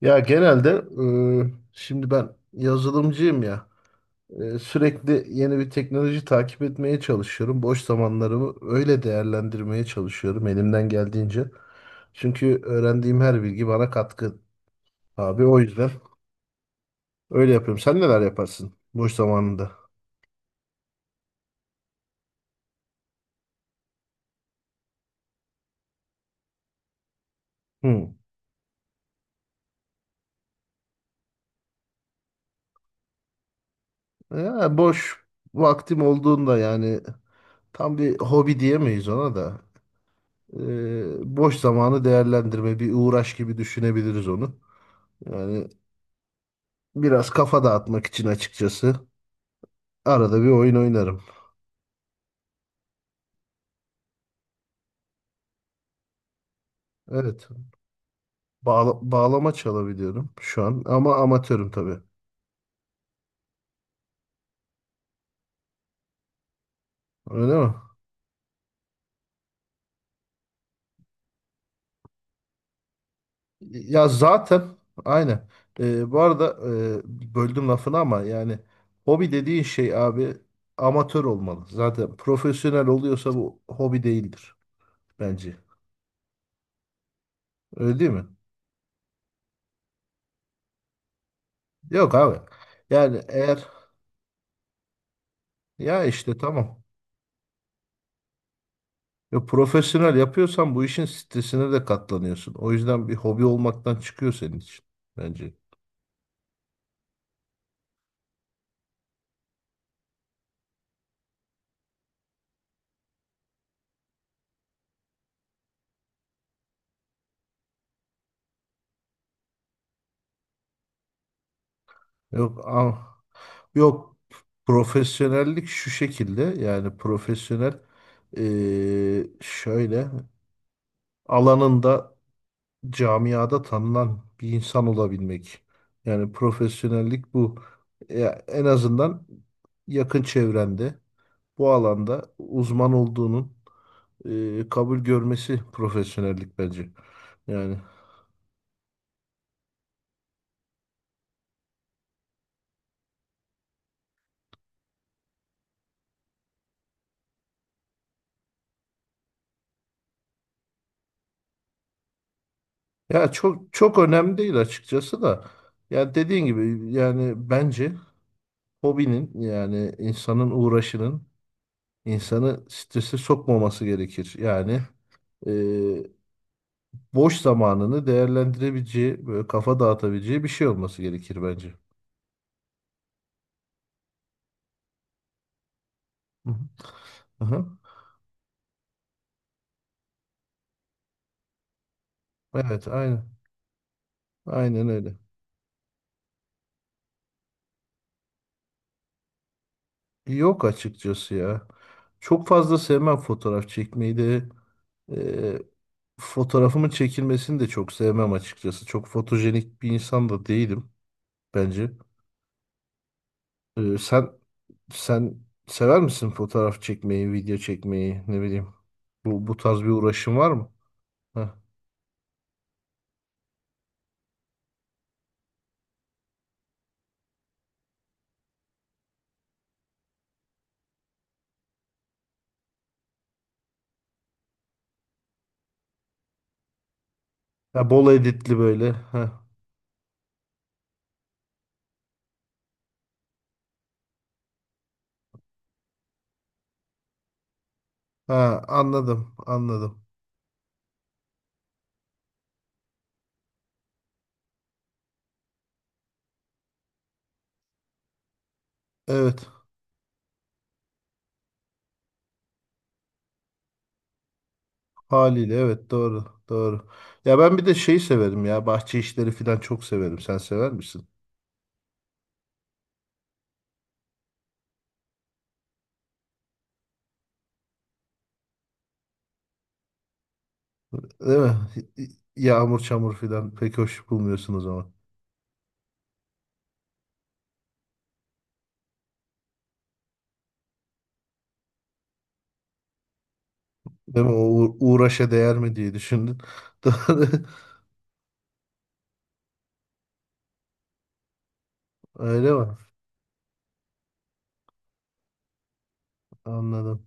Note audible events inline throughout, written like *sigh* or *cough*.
Ya genelde şimdi ben yazılımcıyım ya, sürekli yeni bir teknoloji takip etmeye çalışıyorum. Boş zamanlarımı öyle değerlendirmeye çalışıyorum elimden geldiğince. Çünkü öğrendiğim her bilgi bana katkı abi, o yüzden öyle yapıyorum. Sen neler yaparsın boş zamanında? Hı. Ya boş vaktim olduğunda yani tam bir hobi diyemeyiz ona da. Boş zamanı değerlendirme bir uğraş gibi düşünebiliriz onu. Yani biraz kafa dağıtmak için açıkçası. Arada bir oyun oynarım. Evet. Bağlama çalabiliyorum şu an ama amatörüm tabii. Öyle mi? Ya zaten aynen. Bu arada, böldüm lafını ama yani hobi dediğin şey abi, amatör olmalı. Zaten profesyonel oluyorsa bu hobi değildir bence. Öyle değil mi? Yok abi. Yani eğer ya işte tamam. Ve profesyonel yapıyorsan bu işin stresine de katlanıyorsun. O yüzden bir hobi olmaktan çıkıyor senin için bence. Yok ah, yok, profesyonellik şu şekilde, yani profesyonel şöyle alanında, camiada tanınan bir insan olabilmek. Yani profesyonellik bu. Ya en azından yakın çevrende bu alanda uzman olduğunun kabul görmesi profesyonellik bence. Yani, ya çok çok önemli değil açıkçası da. Ya dediğin gibi yani bence hobinin, yani insanın uğraşının insanı strese sokmaması gerekir. Yani e, boş zamanını değerlendirebileceği, böyle kafa dağıtabileceği bir şey olması gerekir bence. Hı hı. Aha. Evet, aynen. Aynen öyle. Yok açıkçası ya. Çok fazla sevmem fotoğraf çekmeyi de. Ee, Fotoğrafımın çekilmesini de çok sevmem açıkçası. Çok fotojenik bir insan da değilim bence. Ee, sen sen sever misin fotoğraf çekmeyi, video çekmeyi, ne bileyim. Bu tarz bir uğraşın var mı? Heh. Ha, bol editli böyle. Heh. Ha, anladım, anladım. Evet, haliyle evet, doğru, doğru. Ya ben bir de şey severim ya, bahçe işleri falan çok severim. Sen sever misin? Değil mi? Yağmur çamur filan pek hoş bulmuyorsunuz zaman. Değil mi? O uğraşa değer mi diye düşündün. *laughs* Doğru. Öyle mi? Anladım.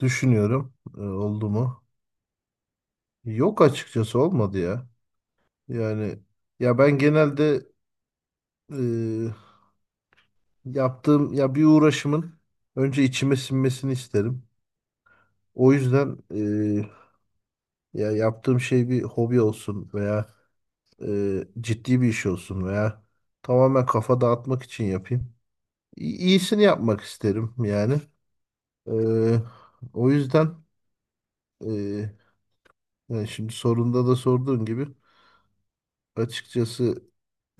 Düşünüyorum. Oldu mu? Yok açıkçası olmadı ya. Yani ya ben genelde e, yaptığım ya bir uğraşımın önce içime sinmesini isterim. O yüzden ya yaptığım şey bir hobi olsun veya ciddi bir iş olsun veya tamamen kafa dağıtmak için yapayım. İyisini yapmak isterim yani. Ee, O yüzden, e, yani şimdi sorunda da sorduğun gibi açıkçası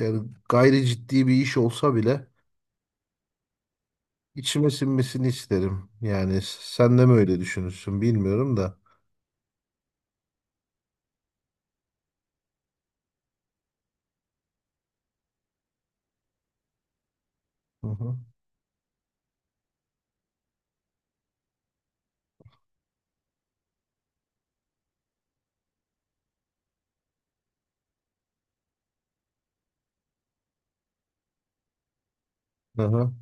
yani gayri ciddi bir iş olsa bile içime sinmesini isterim. Yani sen de mi öyle düşünürsün bilmiyorum da. Hı hı. Hı hı.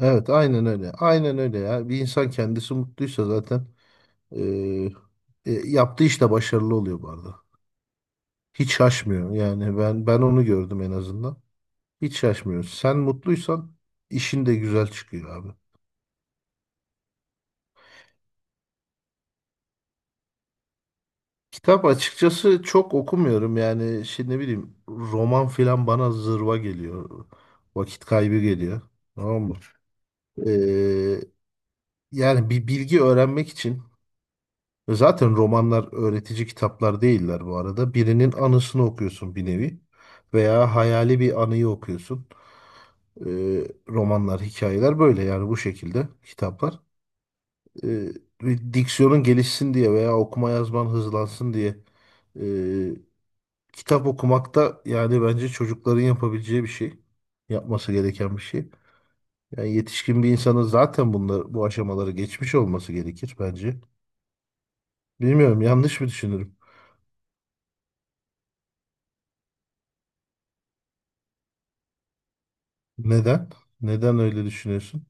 Evet aynen öyle. Aynen öyle ya. Bir insan kendisi mutluysa zaten e, yaptığı işte başarılı oluyor bu arada. Hiç şaşmıyor yani ben onu gördüm en azından. Hiç şaşmıyorsun. Sen mutluysan işin de güzel çıkıyor abi. Kitap açıkçası çok okumuyorum yani şimdi ne bileyim roman filan bana zırva geliyor. Vakit kaybı geliyor. Tamam mı? Ee, Yani bir bilgi öğrenmek için zaten romanlar öğretici kitaplar değiller bu arada. Birinin anısını okuyorsun bir nevi veya hayali bir anıyı okuyorsun. Romanlar, hikayeler böyle yani, bu şekilde kitaplar. e, Bir diksiyonun gelişsin diye veya okuma yazman hızlansın diye e, kitap okumak da yani bence çocukların yapabileceği bir şey. Yapması gereken bir şey. Yani yetişkin bir insanın zaten bunlar, bu aşamaları geçmiş olması gerekir bence. Bilmiyorum, yanlış mı düşünürüm? Neden? Neden öyle düşünüyorsun?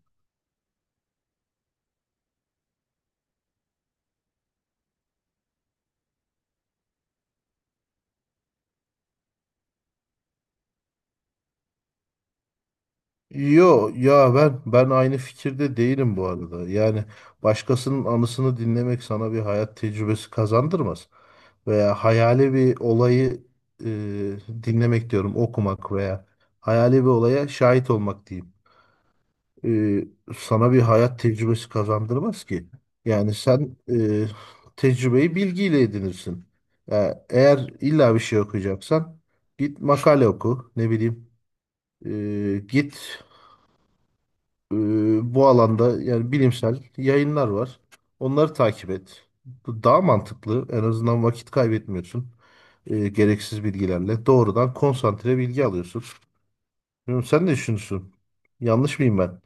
Yo ya, ben aynı fikirde değilim bu arada. Yani başkasının anısını dinlemek sana bir hayat tecrübesi kazandırmaz. Veya hayali bir olayı, e, dinlemek diyorum, okumak veya hayali bir olaya şahit olmak diyeyim. E, sana bir hayat tecrübesi kazandırmaz ki. Yani sen tecrübeyi bilgiyle edinirsin. Ya eğer illa bir şey okuyacaksan git makale oku, ne bileyim. E, git e, bu alanda yani bilimsel yayınlar var. Onları takip et. Bu daha mantıklı. En azından vakit kaybetmiyorsun gereksiz bilgilerle. Doğrudan konsantre bilgi alıyorsun. Bilmiyorum, sen ne düşünüyorsun? Yanlış mıyım ben?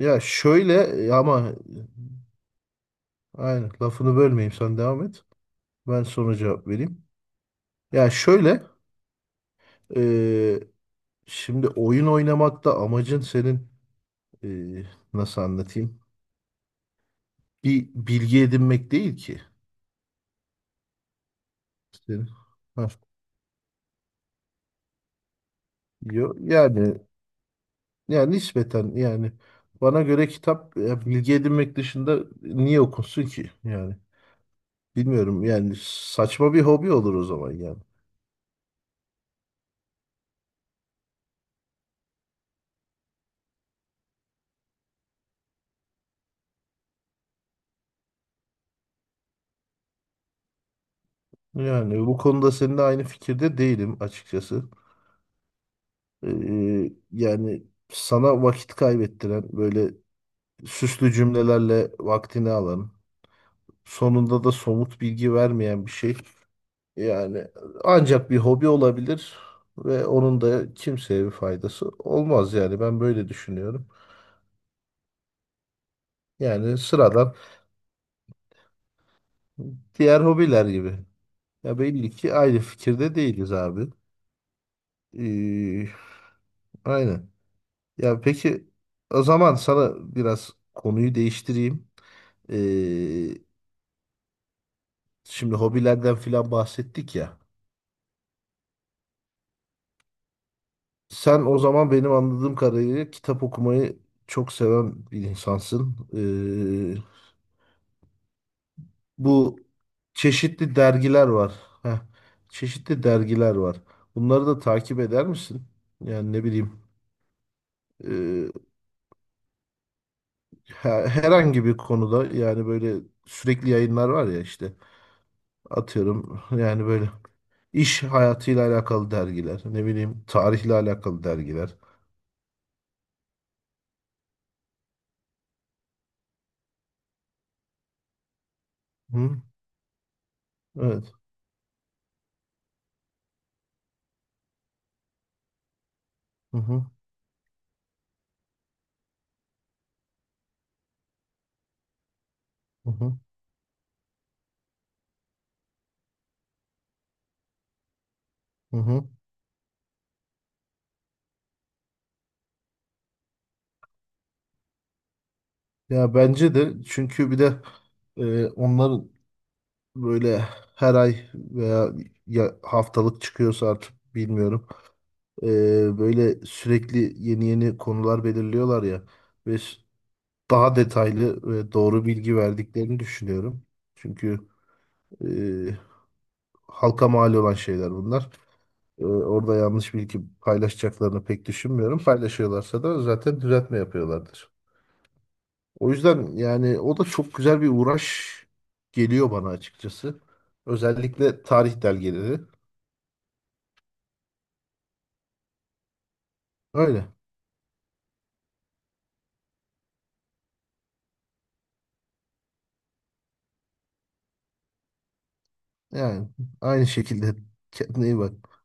Ya şöyle, ama, aynen, lafını bölmeyeyim sen devam et. Ben sonra cevap vereyim. Ya şöyle, e, şimdi oyun oynamakta amacın senin, e, nasıl anlatayım? Bir bilgi edinmek değil ki. Senin. Ha. Yani yani nispeten yani bana göre kitap ya, bilgi edinmek dışında niye okunsun ki yani, bilmiyorum yani saçma bir hobi olur o zaman yani. Yani bu konuda seninle aynı fikirde değilim açıkçası. Yani sana vakit kaybettiren böyle süslü cümlelerle vaktini alan sonunda da somut bilgi vermeyen bir şey, yani ancak bir hobi olabilir ve onun da kimseye bir faydası olmaz yani, ben böyle düşünüyorum. Yani sıradan diğer hobiler gibi. Ya belli ki aynı fikirde değiliz abi. Ee, aynen. Ya peki o zaman sana biraz konuyu değiştireyim. Ee, Şimdi hobilerden filan bahsettik ya. Sen o zaman benim anladığım kadarıyla kitap okumayı çok seven bir insansın. Ee, Bu çeşitli dergiler var. Heh, çeşitli dergiler var. Bunları da takip eder misin? Yani ne bileyim, e, herhangi bir konuda yani böyle sürekli yayınlar var ya işte, atıyorum yani böyle iş hayatıyla alakalı dergiler, ne bileyim tarihle alakalı dergiler. Hı? Evet. Hı hı. Hı hı. Hı hı. Ya bence de, çünkü bir de onların böyle her ay veya ya haftalık çıkıyorsa artık bilmiyorum. Böyle sürekli yeni yeni konular belirliyorlar ya ve daha detaylı ve doğru bilgi verdiklerini düşünüyorum. Çünkü e, halka mal olan şeyler bunlar. Orada yanlış bilgi paylaşacaklarını pek düşünmüyorum. Paylaşıyorlarsa da zaten düzeltme yapıyorlardır. O yüzden yani o da çok güzel bir uğraş geliyor bana açıkçası. Özellikle tarih dergileri. Öyle. Yani aynı şekilde kendine iyi bak.